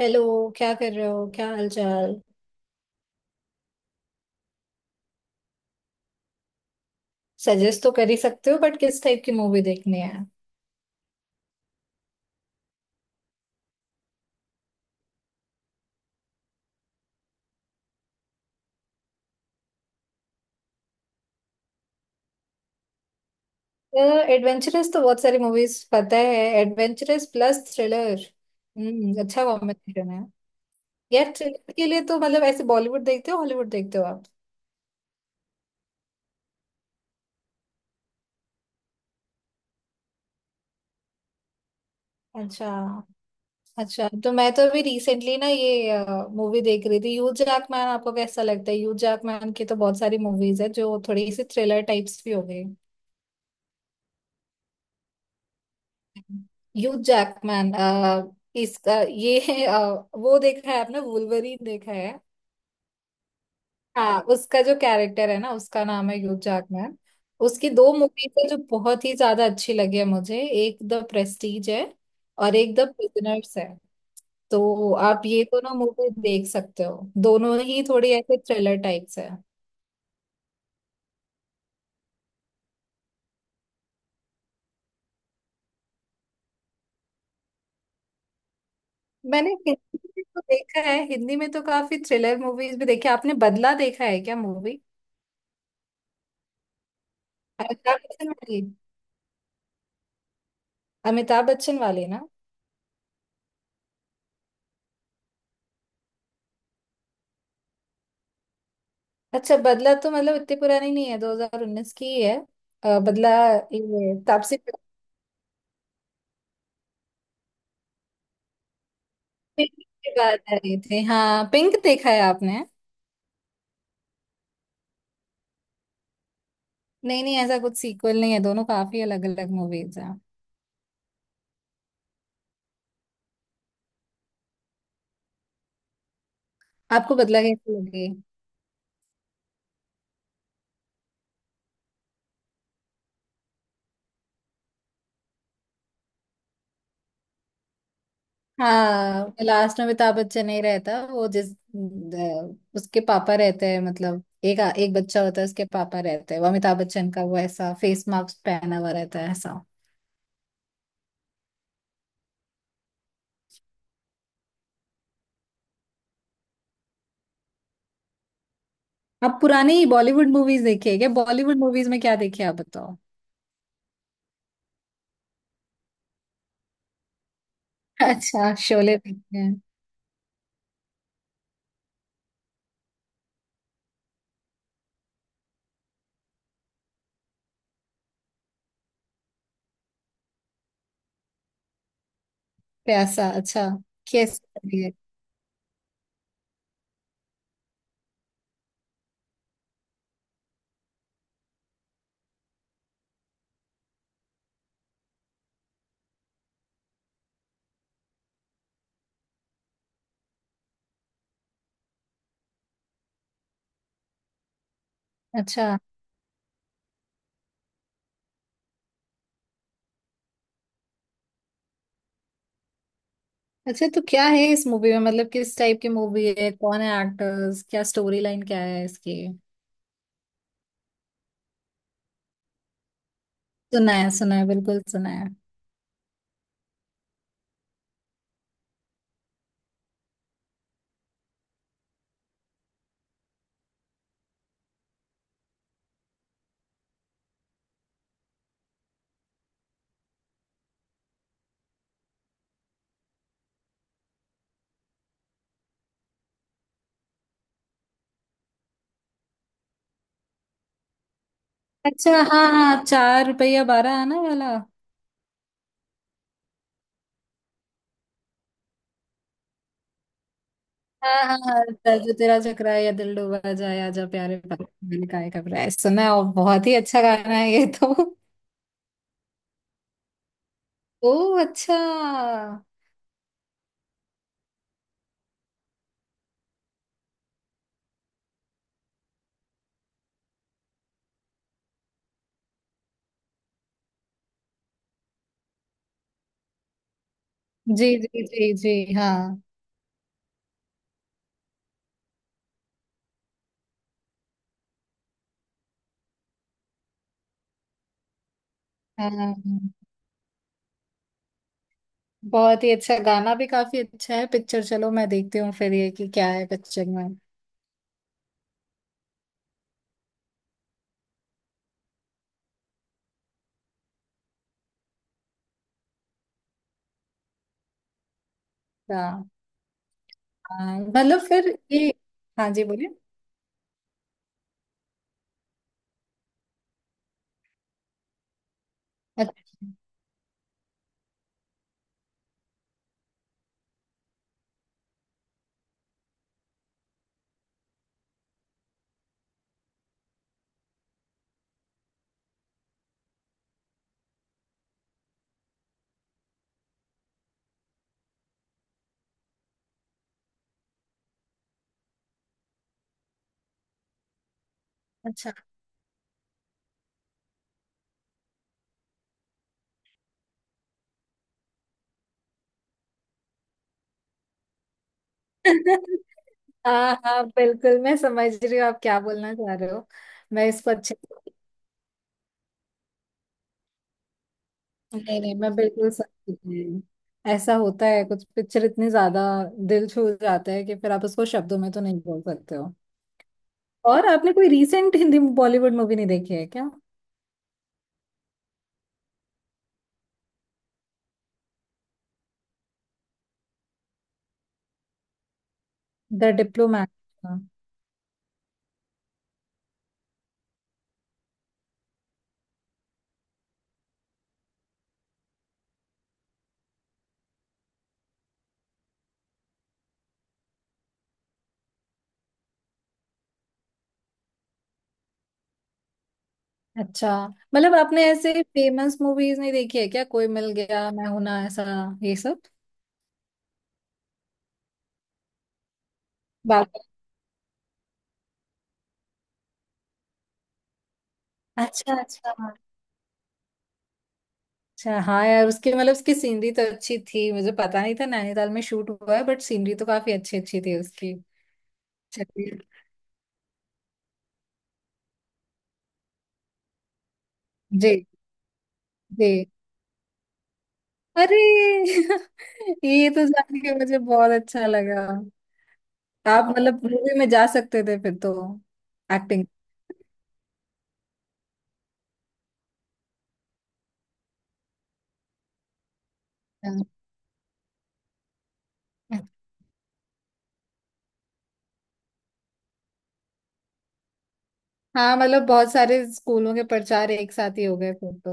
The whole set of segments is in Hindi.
हेलो। क्या कर रहे हो, क्या हाल चाल। सजेस्ट तो कर ही सकते हो, बट किस टाइप की मूवी देखनी है? एडवेंचरस तो बहुत सारी मूवीज पता है। Adventurous plus thriller. हम्म, अच्छा कॉम्बिनेशन है। यार थ्रिलर के लिए तो मतलब ऐसे बॉलीवुड देखते हो, हॉलीवुड देखते हो आप? अच्छा। अच्छा तो मैं अभी रिसेंटली ना ये मूवी देख रही थी, ह्यू जैकमैन, आपको कैसा लगता है? ह्यू जैकमैन की तो बहुत सारी मूवीज है जो थोड़ी सी थ्रिलर टाइप्स भी हो गई। ह्यू जैकमैन, इसका ये है, वो देखा है आपने, वुल्वरीन देखा है? हाँ, उसका जो कैरेक्टर है ना, उसका नाम है ह्यू जैकमैन। उसकी दो मूवीज है जो बहुत ही ज्यादा अच्छी लगी है मुझे, एक द प्रेस्टीज है और एक द प्रिजनर्स है। तो आप ये दोनों मूवी देख सकते हो, दोनों ही थोड़ी ऐसे थ्रिलर टाइप्स है। मैंने हिंदी में तो देखा है, हिंदी में तो काफी थ्रिलर मूवीज भी देखी है। आपने बदला देखा है क्या, मूवी? अमिताभ बच्चन वाली। अमिताभ बच्चन वाली ना। अच्छा, बदला तो मतलब इतनी पुरानी नहीं है, 2019 की ही है। बदला, ये तापसी पन्नूं के बाद आई थी। हाँ, पिंक देखा है आपने? नहीं नहीं, ऐसा कुछ सीक्वल नहीं है, दोनों काफी अलग अलग मूवीज हैं। आपको बदला कैसी लगी? हाँ, लास्ट में अमिताभ बच्चन नहीं रहता, वो जिस उसके पापा रहते हैं, मतलब एक एक बच्चा होता है, उसके पापा रहते हैं, वो अमिताभ बच्चन का वो ऐसा फेस मास्क पहना हुआ रहता है ऐसा। आप पुरानी बॉलीवुड मूवीज देखी है क्या? बॉलीवुड मूवीज में क्या देखे आप, बताओ। अच्छा, शोले देखे हैं। प्यासा, अच्छा। कैसी लगी है? अच्छा। अच्छा, तो क्या है इस मूवी में, मतलब किस टाइप की मूवी है, कौन है एक्टर्स, क्या स्टोरी लाइन क्या है इसकी? सुना है, सुना है, बिल्कुल सुना है। अच्छा, हाँ हाँ, चार रुपया बारह आना वाला। हाँ हाँ हाँ, जो तेरा चकरा या दिल डूबा जाए, आजा प्यारे पागल मैंने काहे घबराए, सुना है, और बहुत ही अच्छा गाना है ये तो। ओ, अच्छा। जी जी जी जी, हाँ। हाँ हाँ। हाँ। बहुत ही अच्छा गाना भी काफी अच्छा है पिक्चर, चलो मैं देखती हूँ फिर ये कि क्या है पिक्चर में। हाँ। हाँ, मतलब फिर ये। हाँ जी, बोलिए। अच्छा, अच्छा। हाँ हाँ, बिल्कुल मैं समझ रही हूँ आप क्या बोलना चाह रहे हो। मैं इसको अच्छे से- नहीं नहीं, मैं बिल्कुल समझ रही हूँ। ऐसा होता है कुछ पिक्चर इतनी ज्यादा दिल छू जाता है कि फिर आप उसको शब्दों में तो नहीं बोल सकते हो। और आपने कोई रीसेंट हिंदी बॉलीवुड मूवी नहीं देखी है? The diplomat. अच्छा, मतलब आपने ऐसे फेमस मूवीज नहीं देखी है क्या, कोई मिल गया, मैं हूं ना, ऐसा ये सब? बात। अच्छा, अच्छा। अच्छा, हाँ यार, उसकी मतलब उसकी सीनरी तो अच्छी थी, मुझे पता नहीं था नैनीताल में शूट हुआ है, बट सीनरी तो काफी अच्छी अच्छी थी उसकी। चलिए। जी। जी। अरे ये तो जान के मुझे बहुत अच्छा लगा। आप मतलब मूवी में जा सकते थे फिर तो। एक्टिंग। हाँ मतलब बहुत सारे स्कूलों के प्रचार एक साथ ही हो गए फिर तो।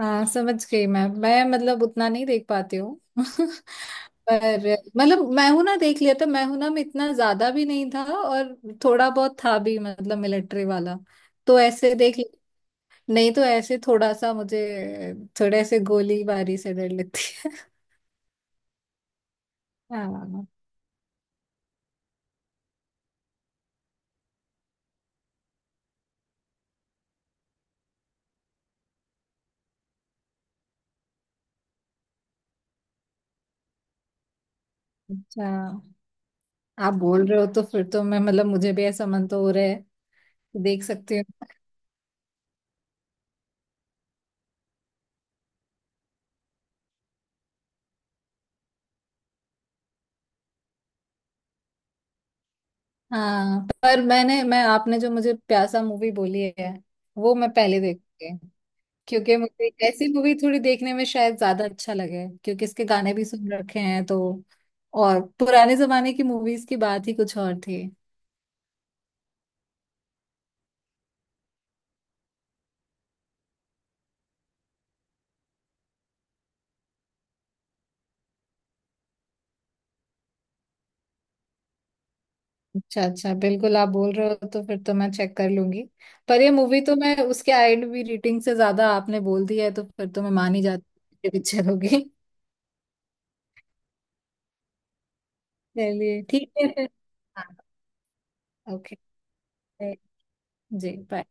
हाँ समझ गई मैं, मतलब उतना नहीं देख पाती हूँ पर। मतलब मैं हूं ना देख लिया था, मैं हूं ना में इतना ज्यादा भी नहीं था, और थोड़ा बहुत था भी मतलब मिलिट्री वाला, तो ऐसे देख लिया। नहीं तो ऐसे थोड़ा सा मुझे, थोड़े से गोलीबारी से डर लगती है। हाँ। अच्छा। आप बोल रहे हो तो फिर तो मैं मतलब मुझे भी ऐसा मन तो हो रहा है, देख सकती हूँ। हाँ, पर मैं आपने जो मुझे प्यासा मूवी बोली है वो मैं पहले देखूंगी, क्योंकि मुझे ऐसी मूवी थोड़ी देखने में शायद ज्यादा अच्छा लगे, क्योंकि इसके गाने भी सुन रखे हैं तो। और पुराने जमाने की मूवीज की बात ही कुछ और थी। अच्छा अच्छा, बिल्कुल आप बोल रहे हो तो फिर तो मैं चेक कर लूंगी। पर ये मूवी तो मैं उसके आईएमडीबी रेटिंग से ज्यादा आपने बोल दी है तो फिर तो मैं मान ही जाती हूँ कि पिक्चर होगी। चलिए ठीक है फिर। हाँ। ओके। जी, बाय।